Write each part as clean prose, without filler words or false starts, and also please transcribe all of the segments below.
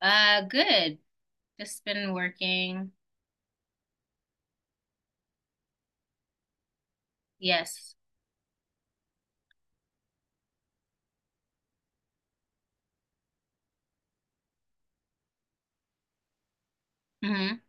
Good. Just been working. Yes. hmm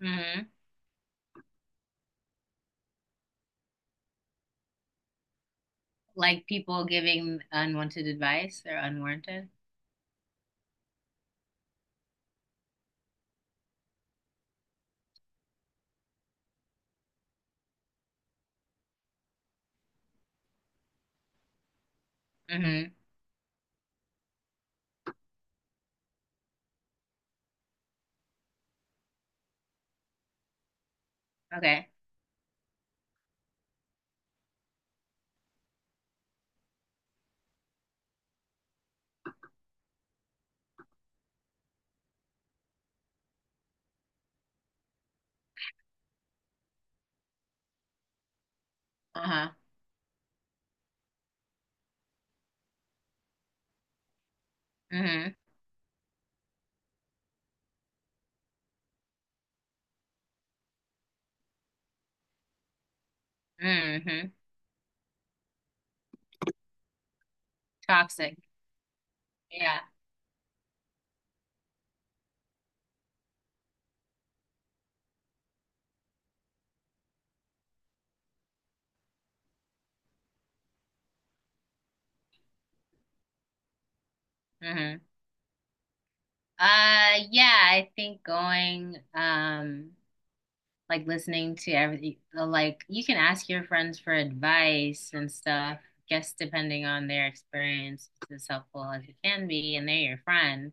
hmm Like people giving unwanted advice or unwarranted. hmm Okay. Uh-huh. hmm hmm Toxic. Yeah. hmm yeah, I think like listening to everything, like you can ask your friends for advice and stuff, just depending on their experience, it's as helpful as it can be, and they're your friend.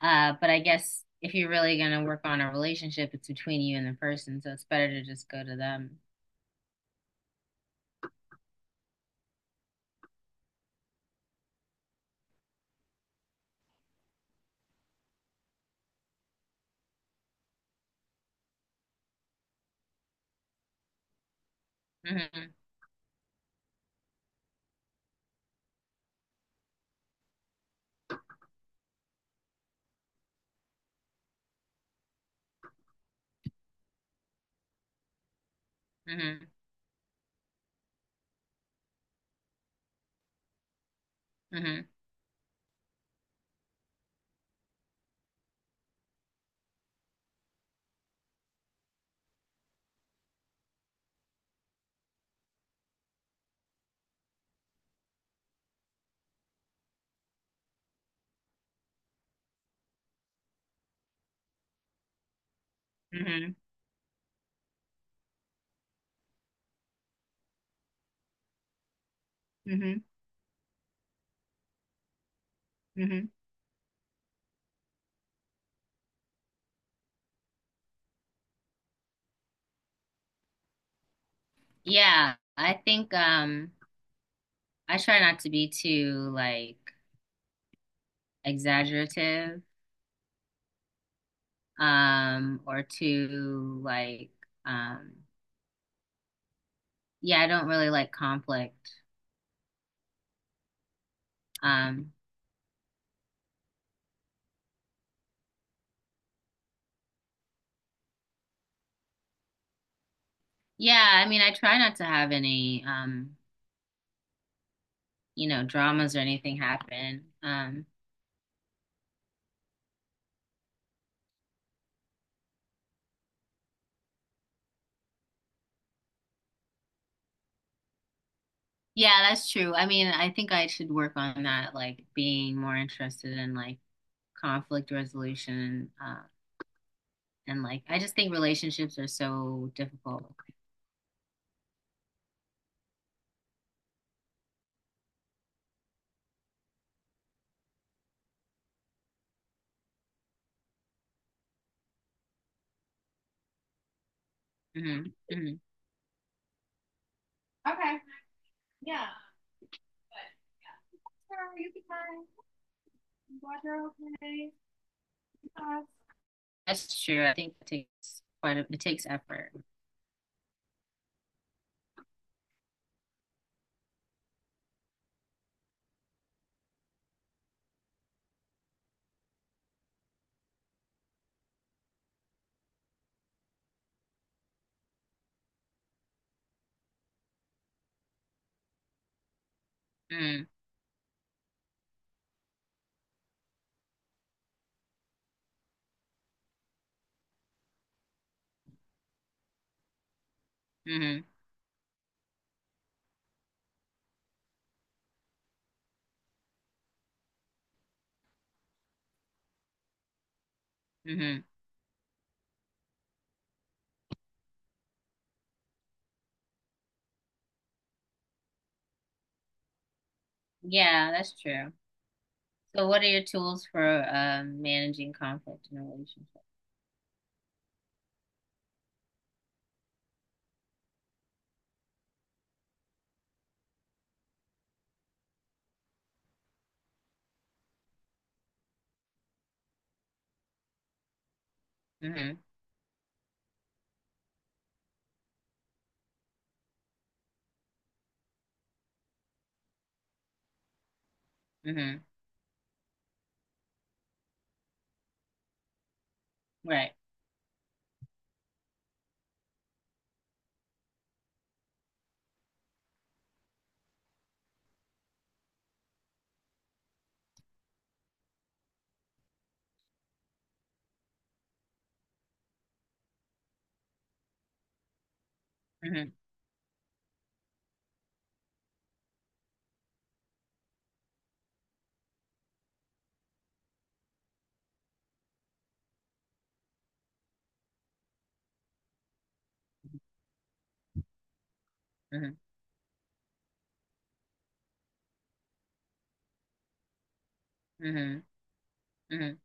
But I guess if you're really going to work on a relationship, it's between you and the person, so it's better to just go to them. Mhm, mhm, mhm, mhm, mhm, mhm. Yeah, I try not to be too like exaggerative or too like um yeah, I don't really like conflict. Um yeah, I mean I try not to have any you know dramas or anything happen. Yeah, that's true. I mean, I think I should work on that, like being more interested in like conflict resolution, and like I just think relationships are so difficult. hmm hmm Okay. Uh, That's true. I think it takes effort. Mm, hmm hmm Yeah, that's true. So what are your tools for managing conflict in a relationship? hmm hmm Right. hmm hmm hmm hmm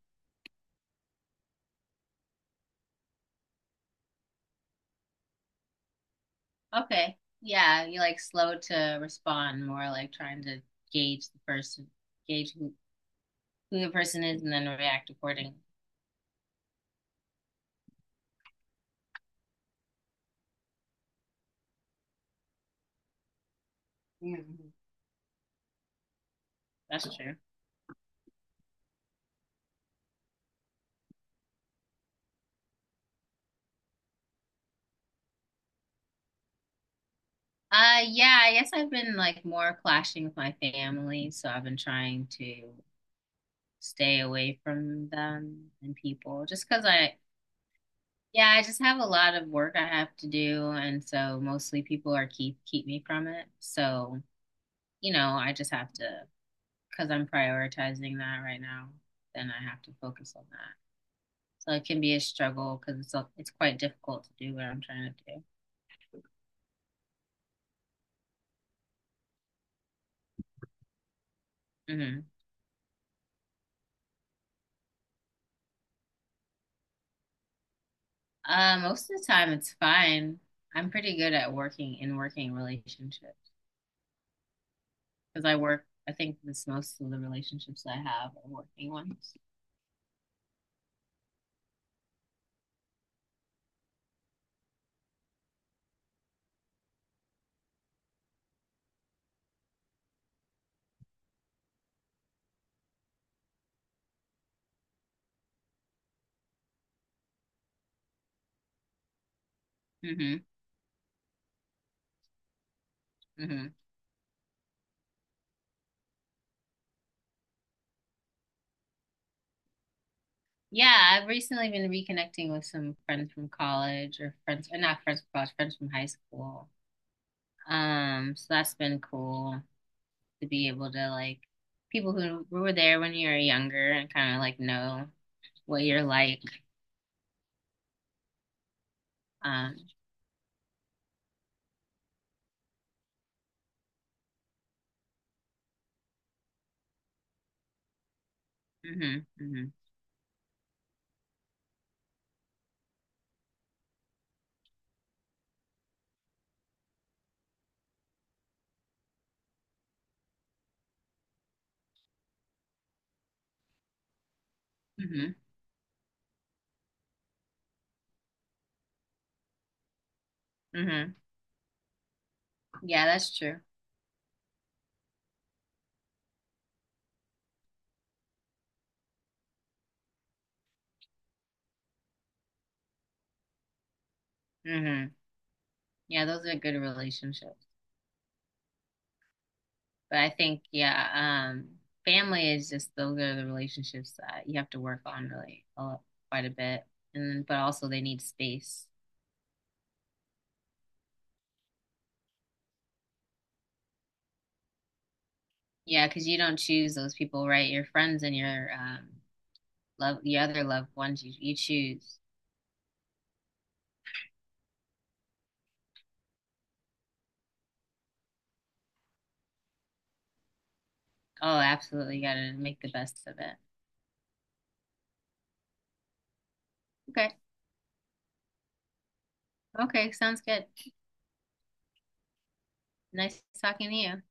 Okay. Yeah, you like slow to respond, more like trying to gauge the person, gauge who, who the person is and then react accordingly. Mhm. That's true. Yeah, I guess I've been like more clashing with my family, so I've been trying to stay away from them and people just because I yeah, I just have a lot of work I have to do and so mostly people are keep me from it. So, you know, I just have to because I'm prioritizing that right now, then I have to focus on that. So it can be a struggle because it's quite difficult to do what I'm trying to do. hmm Most of the time, it's fine. I'm pretty good at working in working relationships because I work. I think this most of the relationships I have are working ones. hmm hmm Yeah, I've recently been reconnecting with some friends from college or friends, or not friends from college, friends from high school. So that's been cool. To be able to like people who were there when you were younger and kind of like know what you're like. Um, hmm hmm hmm hmm Yeah, that's true. hmm Yeah, those are good relationships. But I think, yeah, family is just those are the relationships that you have to work on really a lot, quite a bit. And then, but also they need space. Yeah, because you don't choose those people, right? Your friends and your love, the other loved ones you choose. Oh, absolutely. You gotta make the best of it. Okay. Okay. Sounds good. Nice talking to you.